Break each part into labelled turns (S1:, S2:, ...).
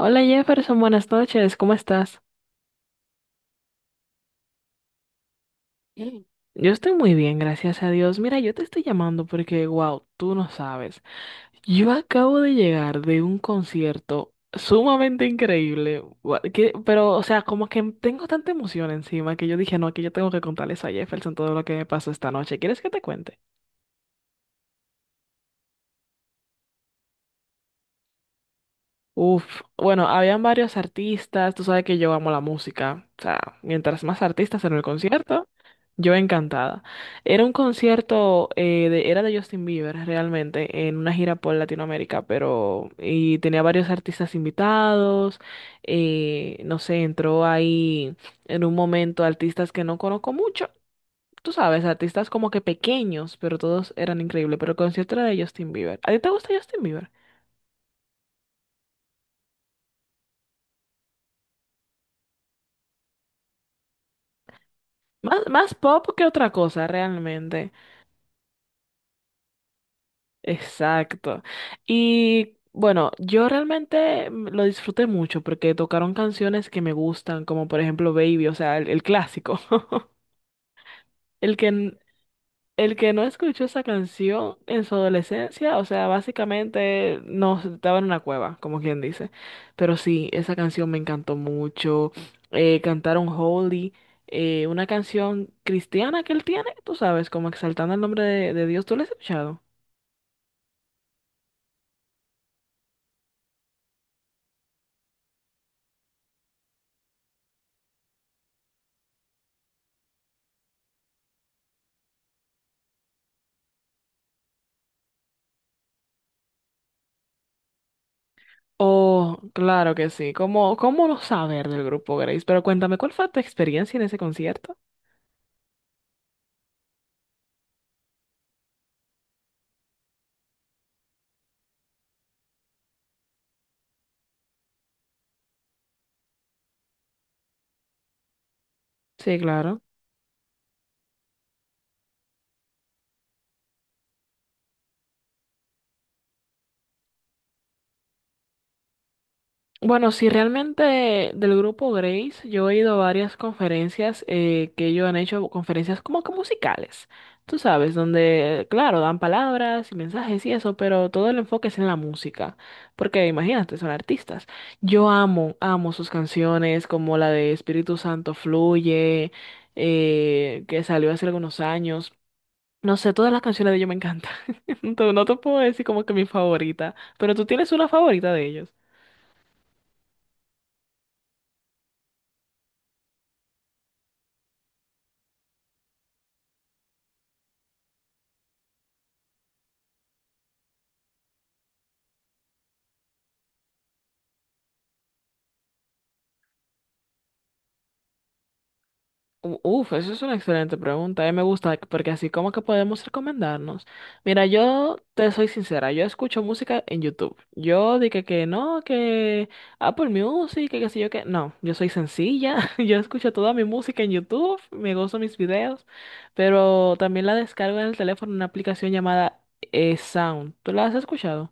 S1: Hola Jefferson, buenas noches, ¿cómo estás? Mm. Yo estoy muy bien, gracias a Dios. Mira, yo te estoy llamando porque, wow, tú no sabes. Yo acabo de llegar de un concierto sumamente increíble, pero, o sea, como que tengo tanta emoción encima que yo dije, no, que yo tengo que contarles a Jefferson todo lo que me pasó esta noche. ¿Quieres que te cuente? Uf, bueno, habían varios artistas, tú sabes que yo amo la música, o sea, mientras más artistas en el concierto, yo encantada. Era un concierto, era de Justin Bieber realmente, en una gira por Latinoamérica, pero y tenía varios artistas invitados, no sé, entró ahí en un momento artistas que no conozco mucho, tú sabes, artistas como que pequeños, pero todos eran increíbles, pero el concierto era de Justin Bieber. ¿A ti te gusta Justin Bieber? Más, más pop que otra cosa, realmente. Exacto. Y bueno, yo realmente lo disfruté mucho porque tocaron canciones que me gustan, como por ejemplo Baby, o sea, el clásico. El que, n- el que no escuchó esa canción en su adolescencia, o sea, básicamente no estaba en una cueva, como quien dice. Pero sí, esa canción me encantó mucho. Cantaron Holy, una canción cristiana que él tiene, tú sabes, como exaltando el nombre de Dios. ¿Tú la has escuchado? Oh, claro que sí. ¿Cómo, cómo no saber del grupo Grace? Pero cuéntame, ¿cuál fue tu experiencia en ese concierto? Sí, claro. Bueno, sí, realmente del grupo Grace, yo he ido a varias conferencias, que ellos han hecho, conferencias como que musicales, tú sabes, donde, claro, dan palabras y mensajes y eso, pero todo el enfoque es en la música, porque imagínate, son artistas. Yo amo, amo sus canciones, como la de Espíritu Santo Fluye, que salió hace algunos años. No sé, todas las canciones de ellos me encantan. No te puedo decir como que mi favorita, pero tú tienes una favorita de ellos. Uf, eso es una excelente pregunta. A mí me gusta porque así como que podemos recomendarnos. Mira, yo te soy sincera, yo escucho música en YouTube. Yo dije que no, que Apple Music, que qué sé yo que no, yo soy sencilla. Yo escucho toda mi música en YouTube, me gozo mis videos, pero también la descargo en el teléfono en una aplicación llamada, Sound. ¿Tú la has escuchado?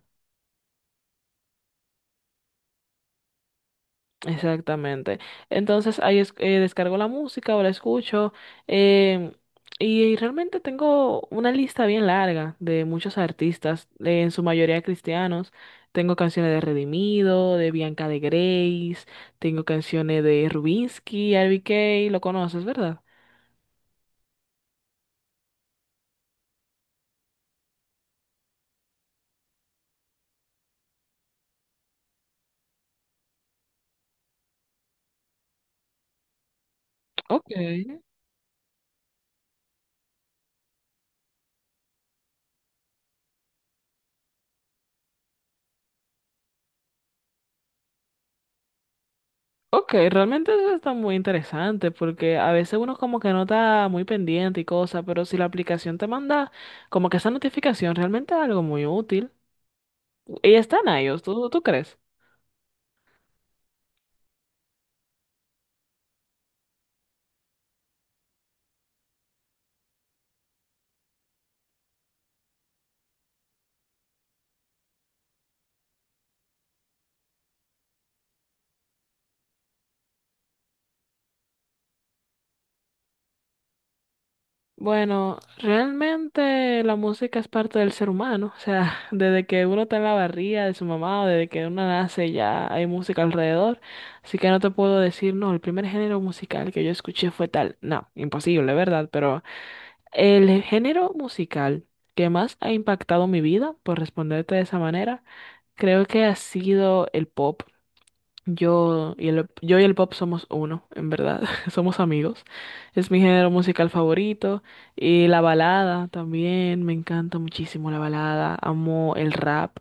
S1: Exactamente. Entonces descargo la música o la escucho, em, y realmente tengo una lista bien larga de muchos artistas, en su mayoría cristianos. Tengo canciones de Redimido, de Bianca de Grace, tengo canciones de Rubinsky, RBK, lo conoces, ¿verdad? Ok, ok, realmente eso está muy interesante porque a veces uno como que no está muy pendiente y cosas, pero si la aplicación te manda como que esa notificación realmente es algo muy útil. Y están a ellos, ¿tú, tú crees? Bueno, realmente la música es parte del ser humano, o sea, desde que uno está en la barriga de su mamá o desde que uno nace ya hay música alrededor, así que no te puedo decir, no, el primer género musical que yo escuché fue tal, no, imposible, ¿verdad? Pero el género musical que más ha impactado mi vida, por responderte de esa manera, creo que ha sido el pop. Yo y el pop somos uno, en verdad. Somos amigos. Es mi género musical favorito. Y la balada también. Me encanta muchísimo la balada. Amo el rap.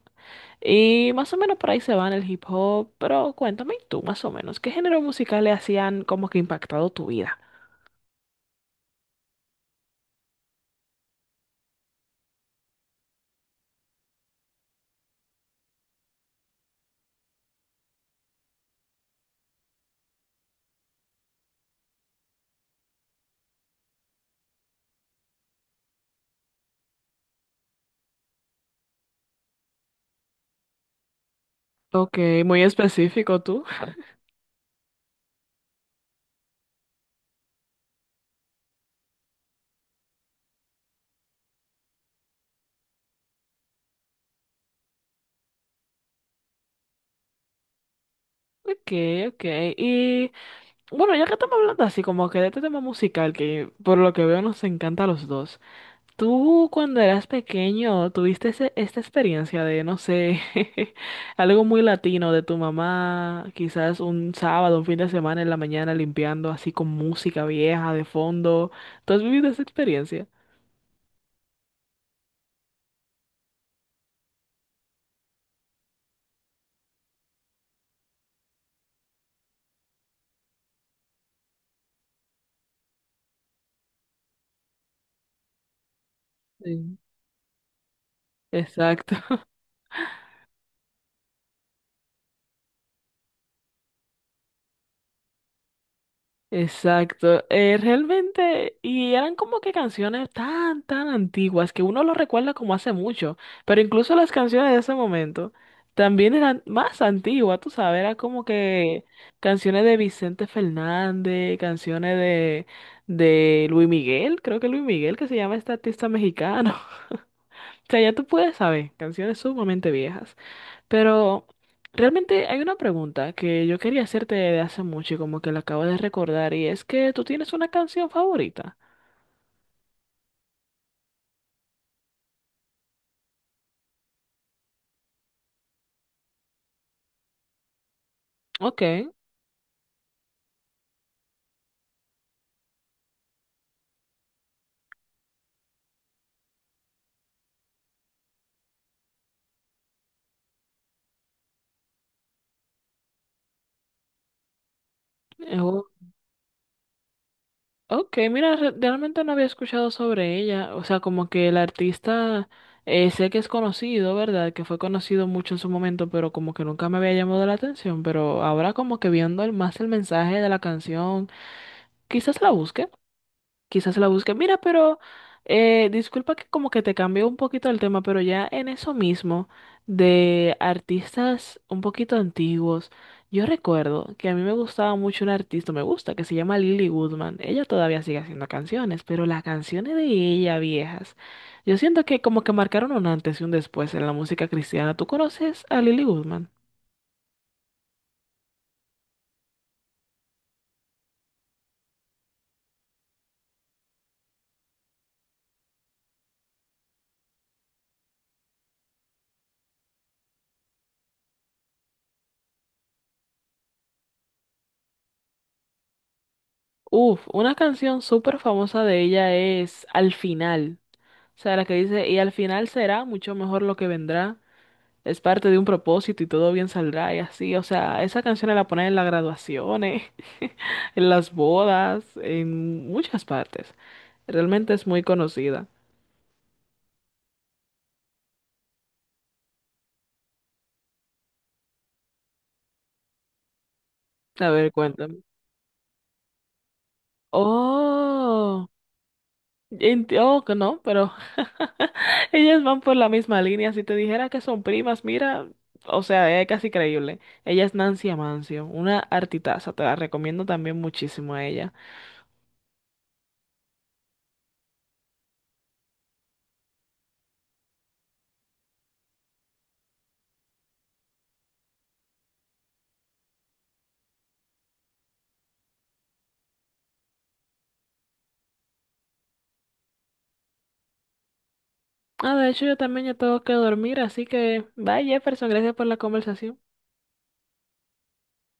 S1: Y más o menos por ahí se van el hip hop. Pero cuéntame tú, más o menos, ¿qué género musical le hacían como que impactado tu vida? Ok, muy específico tú. Ok, ok. Y bueno, ya que estamos hablando así como que de este tema musical, que por lo que veo nos encanta a los dos. ¿Tú cuando eras pequeño tuviste esta experiencia de, no sé, algo muy latino de tu mamá, quizás un sábado, un fin de semana en la mañana limpiando así con música vieja de fondo? ¿Tú has vivido esa experiencia? Sí, exacto, exacto. Realmente, y eran como que canciones tan, tan antiguas que uno lo recuerda como hace mucho, pero incluso las canciones de ese momento también eran más antiguas, tú sabes, era como que canciones de Vicente Fernández, canciones de Luis Miguel, creo que Luis Miguel, que se llama este artista mexicano. O sea, ya tú puedes saber, canciones sumamente viejas. Pero realmente hay una pregunta que yo quería hacerte de hace mucho y como que la acabo de recordar y es que tú tienes una canción favorita. Ok, eh, o- ok, mira, realmente no había escuchado sobre ella, o sea, como que el artista, sé que es conocido, ¿verdad? Que fue conocido mucho en su momento, pero como que nunca me había llamado la atención, pero ahora como que viendo el, más el mensaje de la canción, quizás la busque. Quizás la busque. Mira, pero, disculpa que como que te cambió un poquito el tema, pero ya en eso mismo de artistas un poquito antiguos, yo recuerdo que a mí me gustaba mucho un artista, me gusta, que se llama Lily Goodman. Ella todavía sigue haciendo canciones, pero las canciones de ella viejas, yo siento que como que marcaron un antes y un después en la música cristiana. ¿Tú conoces a Lily Goodman? Uf, una canción súper famosa de ella es Al final. O sea, la que dice, y al final será mucho mejor lo que vendrá. Es parte de un propósito y todo bien saldrá y así. O sea, esa canción la ponen en las graduaciones, en las bodas, en muchas partes. Realmente es muy conocida. A ver, cuéntame. Oh, oh, que no, pero ellas van por la misma línea. Si te dijera que son primas, mira, o sea, es casi creíble. Ella es Nancy Amancio, una artitaza. Te la recomiendo también muchísimo a ella. Ah, de hecho yo también ya tengo que dormir, así que bye Jefferson, gracias por la conversación.